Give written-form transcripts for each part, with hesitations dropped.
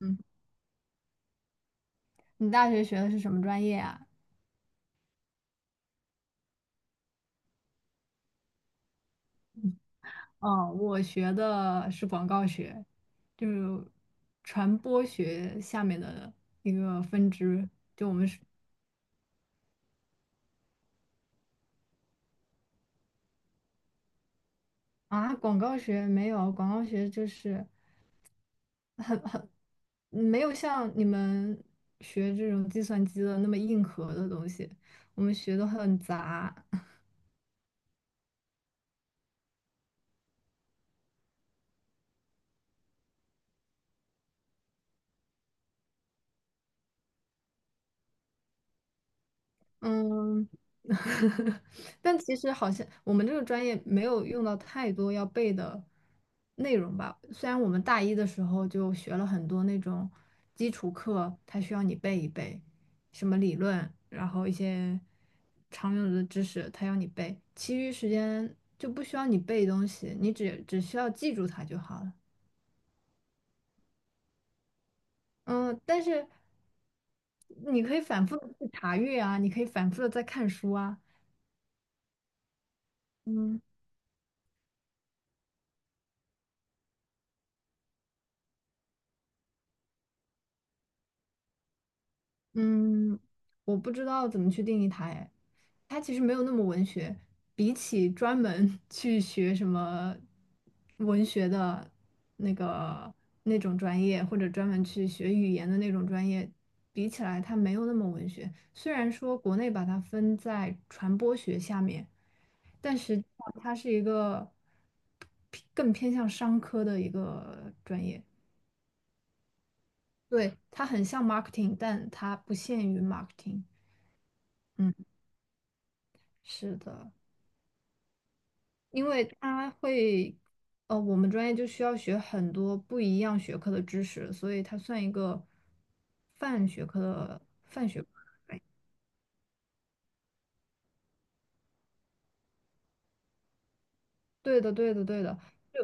嗯，你大学学的是什么专业啊？哦，我学的是广告学，就是传播学下面的一个分支。啊，广告学就是嗯没有像你们学这种计算机的那么硬核的东西，我们学的很杂。嗯，但其实好像我们这个专业没有用到太多要背的内容吧。虽然我们大一的时候就学了很多那种基础课，它需要你背一背，什么理论，然后一些常用的知识，它要你背。其余时间就不需要你背东西，你只需要记住它就好了。嗯，但是你可以反复的去查阅啊，你可以反复的再看书啊。嗯。嗯，我不知道怎么去定义它，哎，它其实没有那么文学，比起专门 去学什么文学的那个那种专业，或者专门去学语言的那种专业比起来，它没有那么文学。虽然说国内把它分在传播学下面，但是它是一个更偏向商科的一个专业。对，它很像 marketing，但它不限于 marketing。嗯。是的，因为它会，我们专业就需要学很多不一样学科的知识，所以它算一个泛学科。对的，对的，对的，就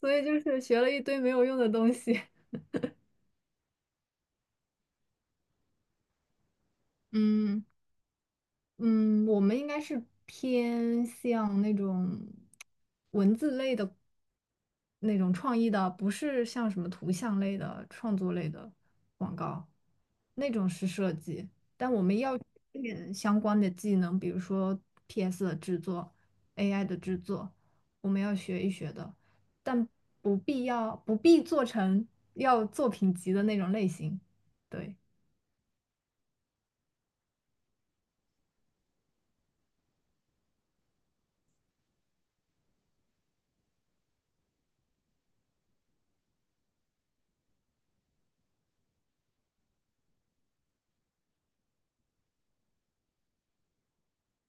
所以就是学了一堆没有用的东西。嗯。嗯，我们应该是偏向那种文字类的那种创意的，不是像什么图像类的、创作类的广告，那种是设计。但我们要一点相关的技能，比如说 PS 的制作、AI 的制作，我们要学一学的，但不必做成要作品集的那种类型。对。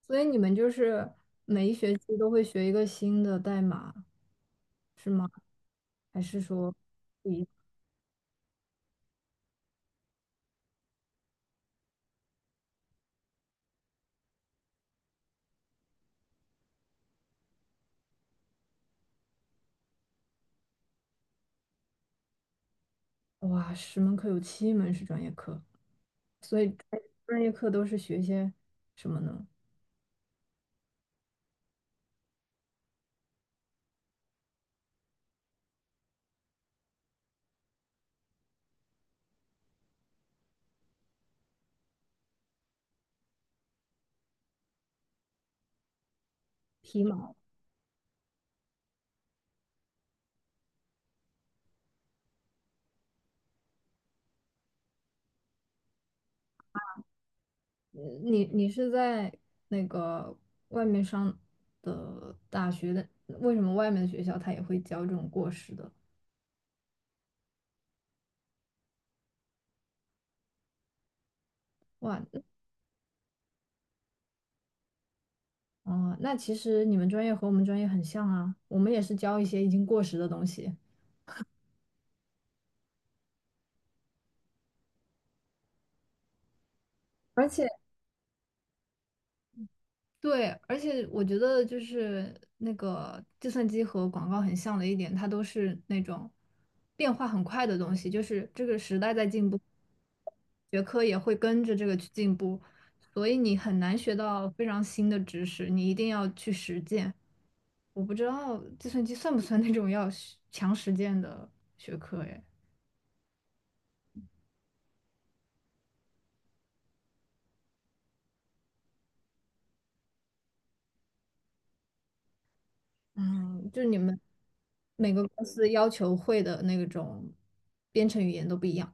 所以你们就是每一学期都会学一个新的代码，是吗？还是说不一，哇，10门课有七门是专业课，所以专业课都是学些什么呢？皮毛。你是在那个外面上的大学的，为什么外面的学校他也会教这种过时的？哇，哦，啊那其实你们专业和我们专业很像啊，我们也是教一些已经过时的东西，而且。对，而且我觉得就是那个计算机和广告很像的一点，它都是那种变化很快的东西，就是这个时代在进步，学科也会跟着这个去进步，所以你很难学到非常新的知识，你一定要去实践。我不知道计算机算不算那种要实践的学科诶，嗯，就是你们每个公司要求会的那种编程语言都不一样。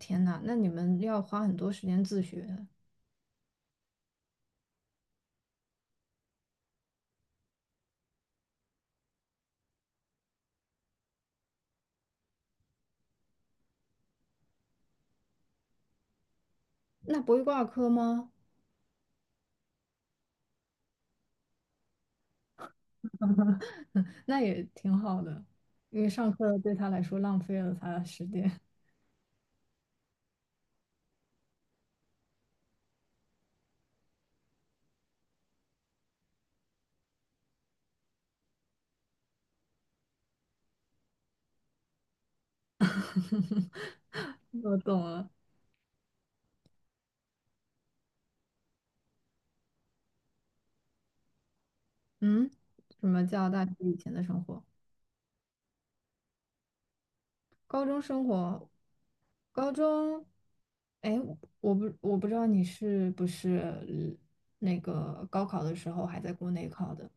天呐，那你们要花很多时间自学，那不会挂科吗？那也挺好的，因为上课对他来说浪费了他的时间。我懂了，嗯，什么叫大学以前的生活？高中生活，高中，哎，我不知道你是不是那个高考的时候还在国内考的，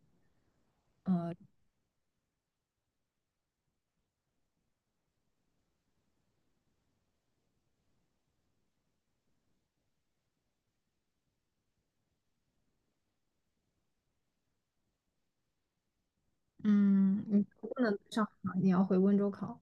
嗯，你不能上海考你要回温州考。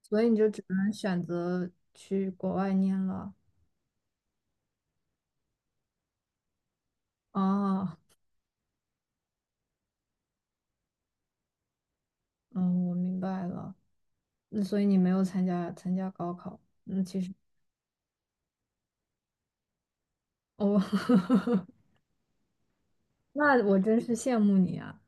所以你就只能选择去国外念了。啊，嗯，我明白了。那所以你没有参加高考。那其实哦，那我真是羡慕你啊。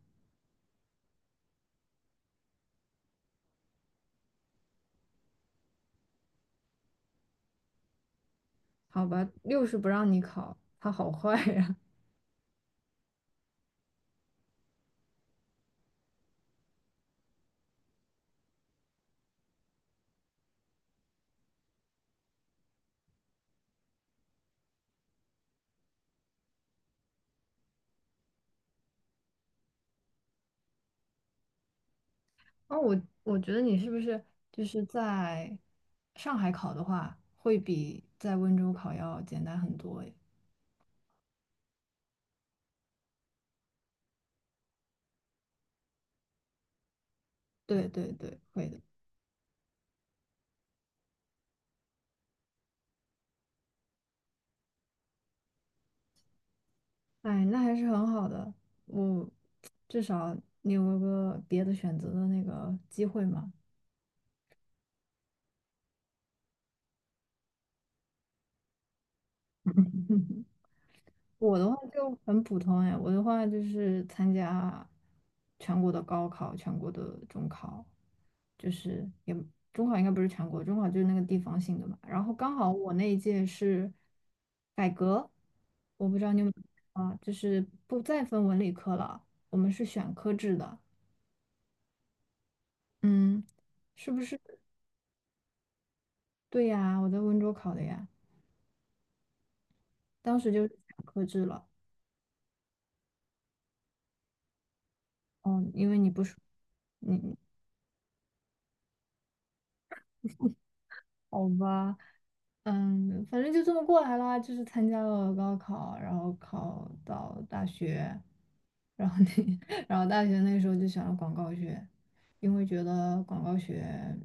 好吧，六是不让你考，他好坏呀、哦，我觉得你是不是就是在上海考的话，会比在温州考要简单很多诶。对对对，会的。哎，那还是很好的，我至少你有个别的选择的那个机会嘛。我的话就很普通哎，我的话就是参加全国的高考、全国的中考，就是也中考应该不是全国，中考就是那个地方性的嘛。然后刚好我那一届是改革，我不知道你有没有啊，就是不再分文理科了，我们是选科制的，嗯。是不是对呀，我在温州考的呀，当时就是选科制了。嗯，因为你不是你好吧？反正就这么过来啦，就是参加了高考，然后考到大学，然后那，然后大学那时候就选了广告学，因为觉得广告学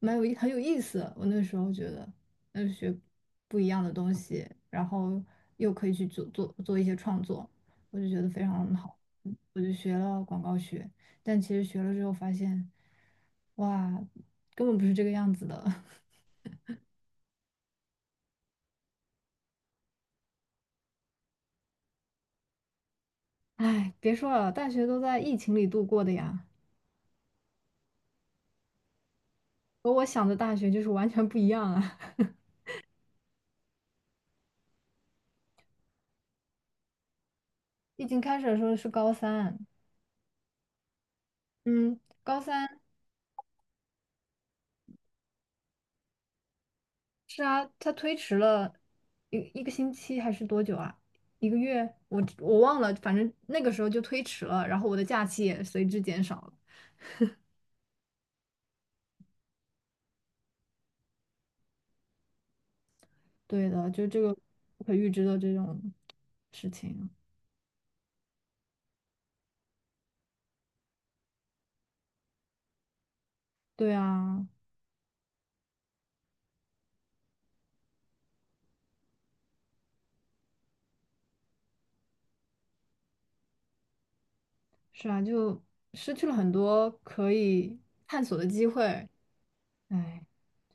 蛮有意很有意思，我那时候觉得，那学不一样的东西，然后又可以去做一些创作，我就觉得非常好，我就学了广告学，但其实学了之后发现，哇，根本不是这个样子的。哎，别说了，大学都在疫情里度过的呀，和我想的大学就是完全不一样啊。疫情开始的时候是高三，嗯，高三是啊，它推迟了一个星期还是多久啊？一个月？我忘了，反正那个时候就推迟了，然后我的假期也随之减少了。对的，就这个不可预知的这种事情。对啊，是啊，就失去了很多可以探索的机会，哎，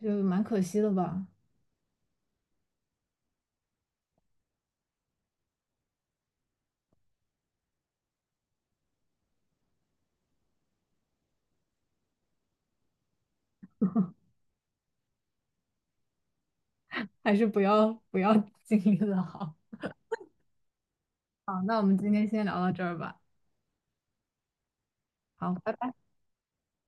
就蛮可惜的吧。还是不要不要 经历了好。好，那我们今天先聊到这儿吧。好，拜拜。